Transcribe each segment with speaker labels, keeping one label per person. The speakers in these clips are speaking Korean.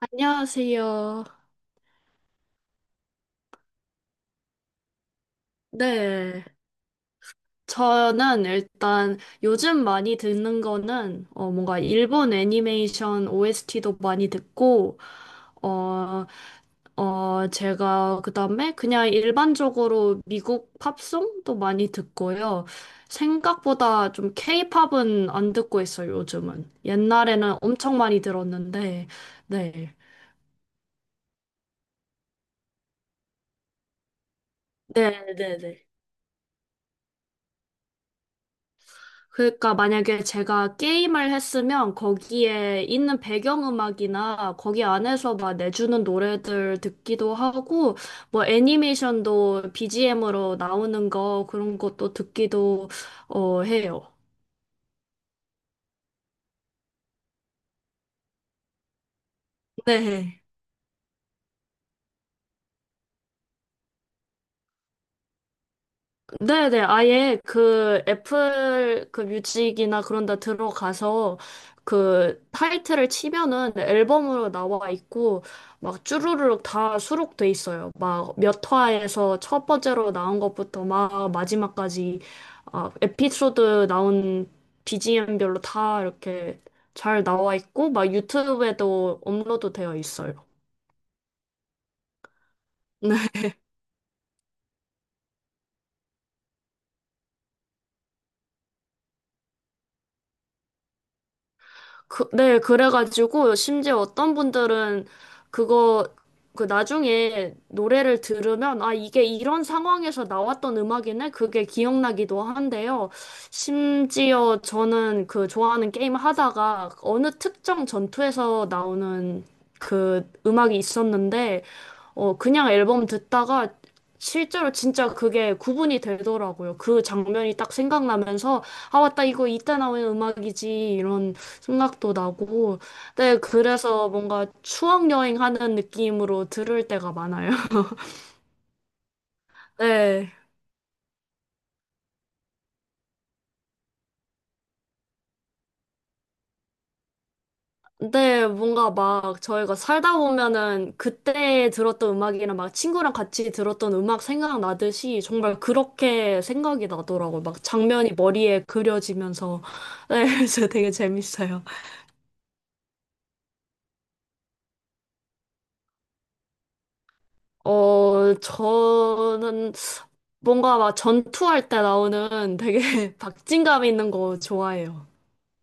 Speaker 1: 안녕하세요. 네. 저는 일단 요즘 많이 듣는 거는 뭔가 일본 애니메이션 OST도 많이 듣고 어 제가 그다음에 그냥 일반적으로 미국 팝송도 많이 듣고요. 생각보다 좀 케이팝은 안 듣고 있어요, 요즘은. 옛날에는 엄청 많이 들었는데. 네. 네, 네, 네. 그러니까 만약에 제가 게임을 했으면 거기에 있는 배경음악이나 거기 안에서 막 내주는 노래들 듣기도 하고 뭐 애니메이션도 BGM으로 나오는 거 그런 것도 듣기도 해요. 네. 네네, 아예 그 애플 그 뮤직이나 그런 데 들어가서 그 타이틀을 치면은 앨범으로 나와 있고 막 쭈루룩 다 수록돼 있어요. 막 몇 화에서 첫 번째로 나온 것부터 막 마지막까지 아, 에피소드 나온 BGM별로 다 이렇게 잘 나와 있고 막 유튜브에도 업로드 되어 있어요. 그, 네, 그래가지고 심지어 어떤 분들은 그거 그 나중에 노래를 들으면 아 이게 이런 상황에서 나왔던 음악이네 그게 기억나기도 한데요. 심지어 저는 그 좋아하는 게임 하다가 어느 특정 전투에서 나오는 그 음악이 있었는데 그냥 앨범 듣다가 실제로 진짜 그게 구분이 되더라고요. 그 장면이 딱 생각나면서 아 맞다 이거 이때 나오는 음악이지 이런 생각도 나고. 네, 그래서 뭔가 추억 여행하는 느낌으로 들을 때가 많아요. 네. 근데 뭔가 막 저희가 살다 보면은 그때 들었던 음악이랑 막 친구랑 같이 들었던 음악 생각나듯이 정말 그렇게 생각이 나더라고요. 막 장면이 머리에 그려지면서. 네, 그래서 되게 재밌어요. 어, 저는 뭔가 막 전투할 때 나오는 되게 박진감 있는 거 좋아해요.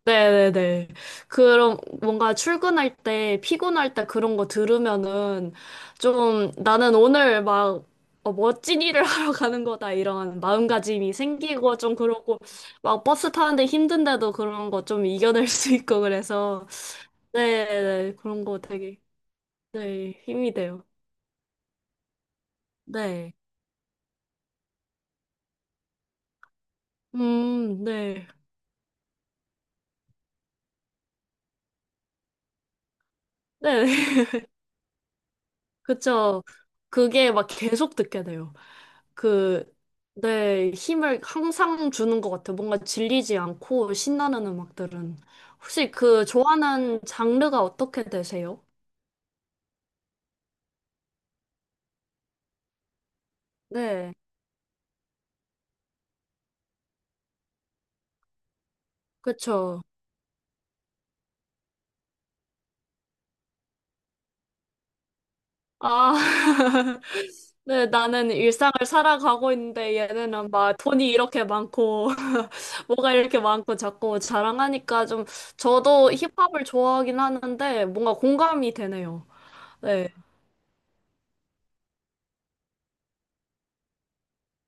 Speaker 1: 네네네. 그럼 뭔가 출근할 때, 피곤할 때 그런 거 들으면은 좀 나는 오늘 막 어, 멋진 일을 하러 가는 거다 이런 마음가짐이 생기고 좀 그러고 막 버스 타는데 힘든데도 그런 거 좀 이겨낼 수 있고 그래서 네네. 그런 거 되게 네, 힘이 돼요. 네. 네. 네. 그쵸. 그게 막 계속 듣게 돼요. 그, 내 힘을 항상 주는 것 같아요. 뭔가 질리지 않고 신나는 음악들은. 혹시 그 좋아하는 장르가 어떻게 되세요? 네, 그쵸. 아, 네, 나는 일상을 살아가고 있는데 얘네는 막 돈이 이렇게 많고, 뭐가 이렇게 많고 자꾸 자랑하니까 좀, 저도 힙합을 좋아하긴 하는데 뭔가 공감이 되네요. 네,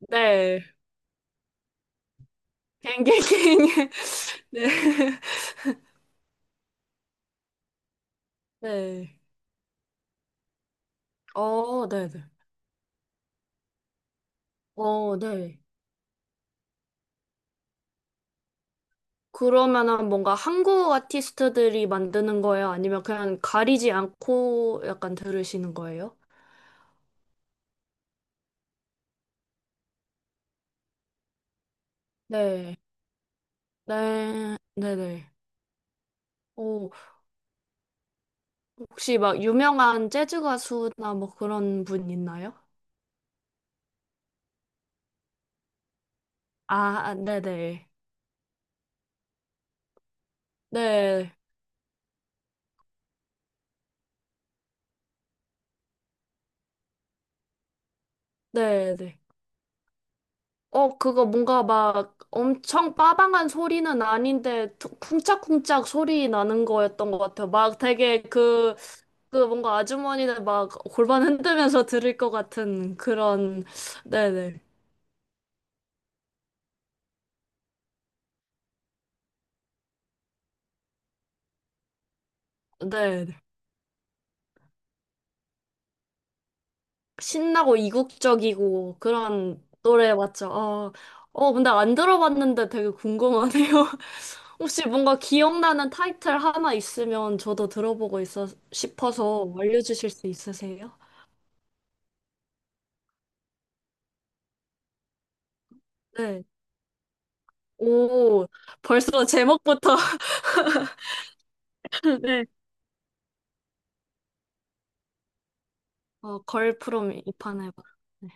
Speaker 1: 네. 갱갱갱. 네. 네. 어, 네네. 어, 네. 그러면은 뭔가 한국 아티스트들이 만드는 거예요? 아니면 그냥 가리지 않고 약간 들으시는 거예요? 네. 네. 네네. 오 혹시 막 유명한 재즈 가수나 뭐 그런 분 있나요? 아, 아, 네네. 네. 네네. 어, 그거 뭔가 막 엄청 빠방한 소리는 아닌데 퉁 쿵짝쿵짝 소리 나는 거였던 것 같아요. 막 되게 그, 그 뭔가 아주머니들 막 골반 흔들면서 들을 것 같은 그런, 네네. 네. 신나고 이국적이고 그런 노래 맞죠? 어, 어, 근데 안 들어봤는데 되게 궁금하네요. 혹시 뭔가 기억나는 타이틀 하나 있으면 저도 들어보고 있어 싶어서 알려주실 수 있으세요? 네. 오, 벌써 제목부터. 네. 어, 걸프롬 이판해봐. 네.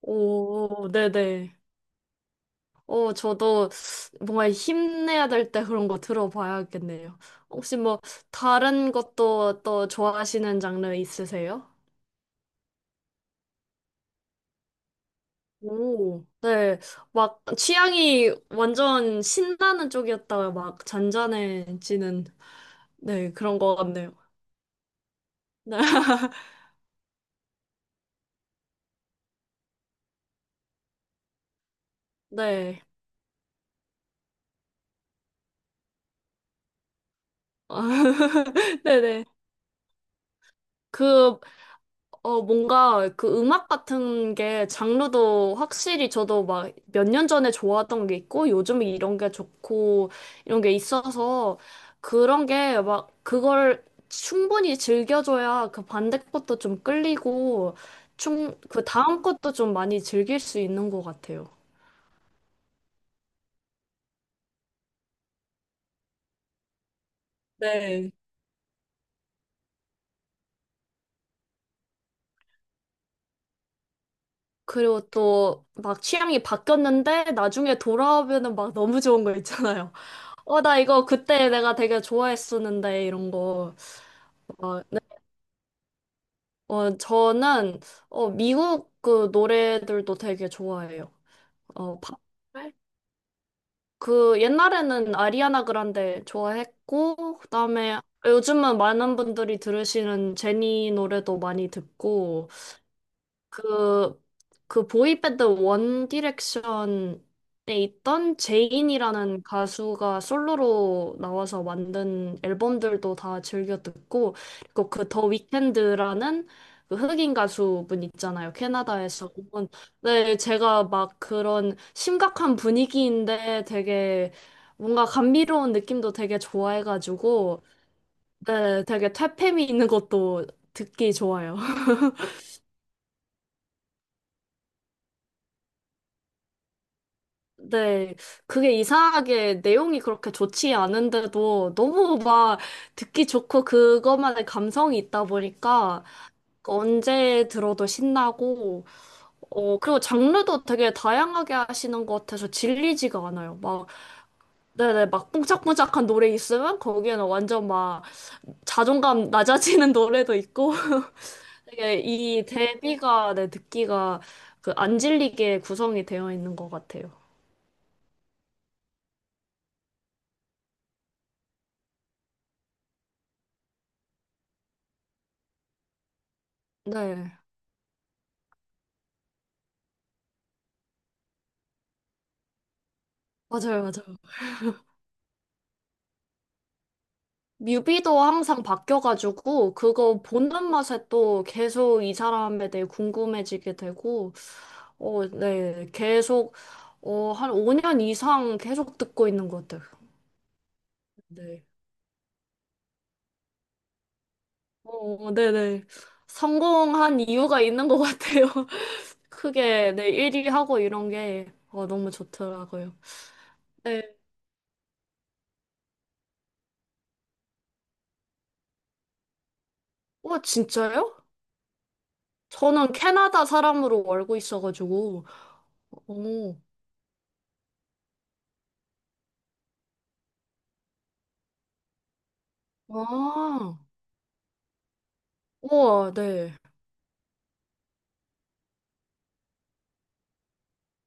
Speaker 1: 오, 네네. 어, 저도 뭔가 힘내야 될 때 그런 거 들어봐야겠네요. 혹시 뭐 다른 것도 또 좋아하시는 장르 있으세요? 오, 네. 막 취향이 완전 신나는 쪽이었다가 막 잔잔해지는 네, 그런 거 같네요. 네. 네. 네네. 그 어, 뭔가 그 음악 같은 게 장르도 확실히 저도 막 몇 년 전에 좋아하던 게 있고 요즘 이런 게 좋고 이런 게 있어서 그런 게 막 그걸 충분히 즐겨줘야 그 반대 것도 좀 끌리고 충, 그 다음 것도 좀 많이 즐길 수 있는 것 같아요. 네. 그리고 또 막 취향이 바뀌었는데 나중에 돌아오면은 막 너무 좋은 거 있잖아요. 어, 나 이거 그때 내가 되게 좋아했었는데 이런 거. 어, 네. 어, 저는 어, 미국 그 노래들도 되게 좋아해요. 어, 팝. 그 옛날에는 아리아나 그란데 좋아했고 그다음에 요즘은 많은 분들이 들으시는 제니 노래도 많이 듣고 그, 그 보이밴드 원 디렉션에 있던 제인이라는 가수가 솔로로 나와서 만든 앨범들도 다 즐겨 듣고, 그리고 그 더 위켄드라는 그 흑인 가수분 있잖아요. 캐나다에서. 그분. 네, 제가 막 그런 심각한 분위기인데 되게 뭔가 감미로운 느낌도 되게 좋아해가지고, 네, 되게 퇴폐미 있는 것도 듣기 좋아요. 네, 그게 이상하게 내용이 그렇게 좋지 않은데도 너무 막 듣기 좋고 그것만의 감성이 있다 보니까 언제 들어도 신나고, 어, 그리고 장르도 되게 다양하게 하시는 것 같아서 질리지가 않아요. 막, 네네, 막 뽕짝뽕짝한 노래 있으면 거기에는 완전 막 자존감 낮아지는 노래도 있고 되게 이 대비가 네, 듣기가 그 안 질리게 구성이 되어 있는 것 같아요. 네, 맞아요, 맞아요. 뮤비도 항상 바뀌어가지고 그거 보는 맛에 또 계속 이 사람에 대해 궁금해지게 되고 어, 네, 계속 어, 한 5년 이상 계속 듣고 있는 것 같아요. 네. 어, 네네. 성공한 이유가 있는 것 같아요. 크게 네, 1위 하고 이런 게 어, 너무 좋더라고요. 네. 와, 진짜요? 저는 캐나다 사람으로 알고 있어가지고. 오. 아. 우와, 네.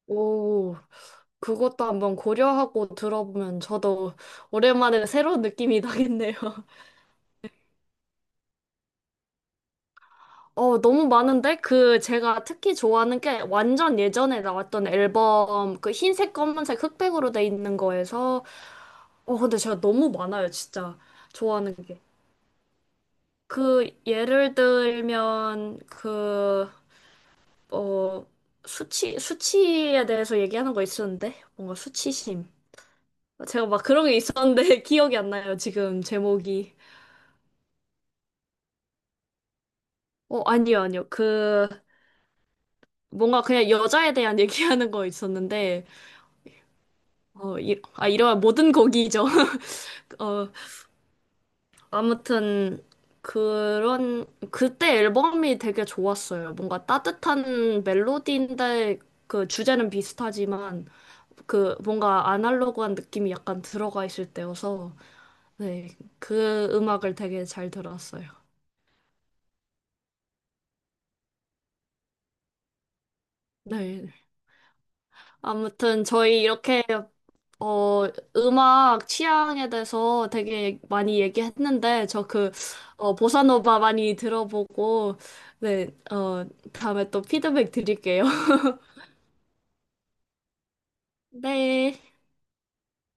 Speaker 1: 오, 그것도 한번 고려하고 들어보면 저도 오랜만에 새로운 느낌이 나겠네요. 어, 너무 많은데? 그 제가 특히 좋아하는 게 완전 예전에 나왔던 앨범 그 흰색, 검은색, 흑백으로 돼 있는 거에서 어, 근데 제가 너무 많아요, 진짜. 좋아하는 게. 그 예를 들면 그 어, 수치, 수치에 대해서 얘기하는 거 있었는데? 뭔가 수치심. 제가 막 그런 게 있었는데 기억이 안 나요, 지금 제목이. 어, 아니요, 아니요. 그, 뭔가 그냥 여자에 대한 얘기하는 거 있었는데, 어, 이, 아, 이런 모든 곡이죠. 어, 아무튼, 그런, 그때 앨범이 되게 좋았어요. 뭔가 따뜻한 멜로디인데, 그 주제는 비슷하지만, 그 뭔가 아날로그한 느낌이 약간 들어가 있을 때여서, 네, 그 음악을 되게 잘 들었어요. 네. 아무튼 저희 이렇게 어, 음악 취향에 대해서 되게 많이 얘기했는데, 저 그, 어, 보사노바 많이 들어보고, 네, 어, 다음에 또 피드백 드릴게요. 네.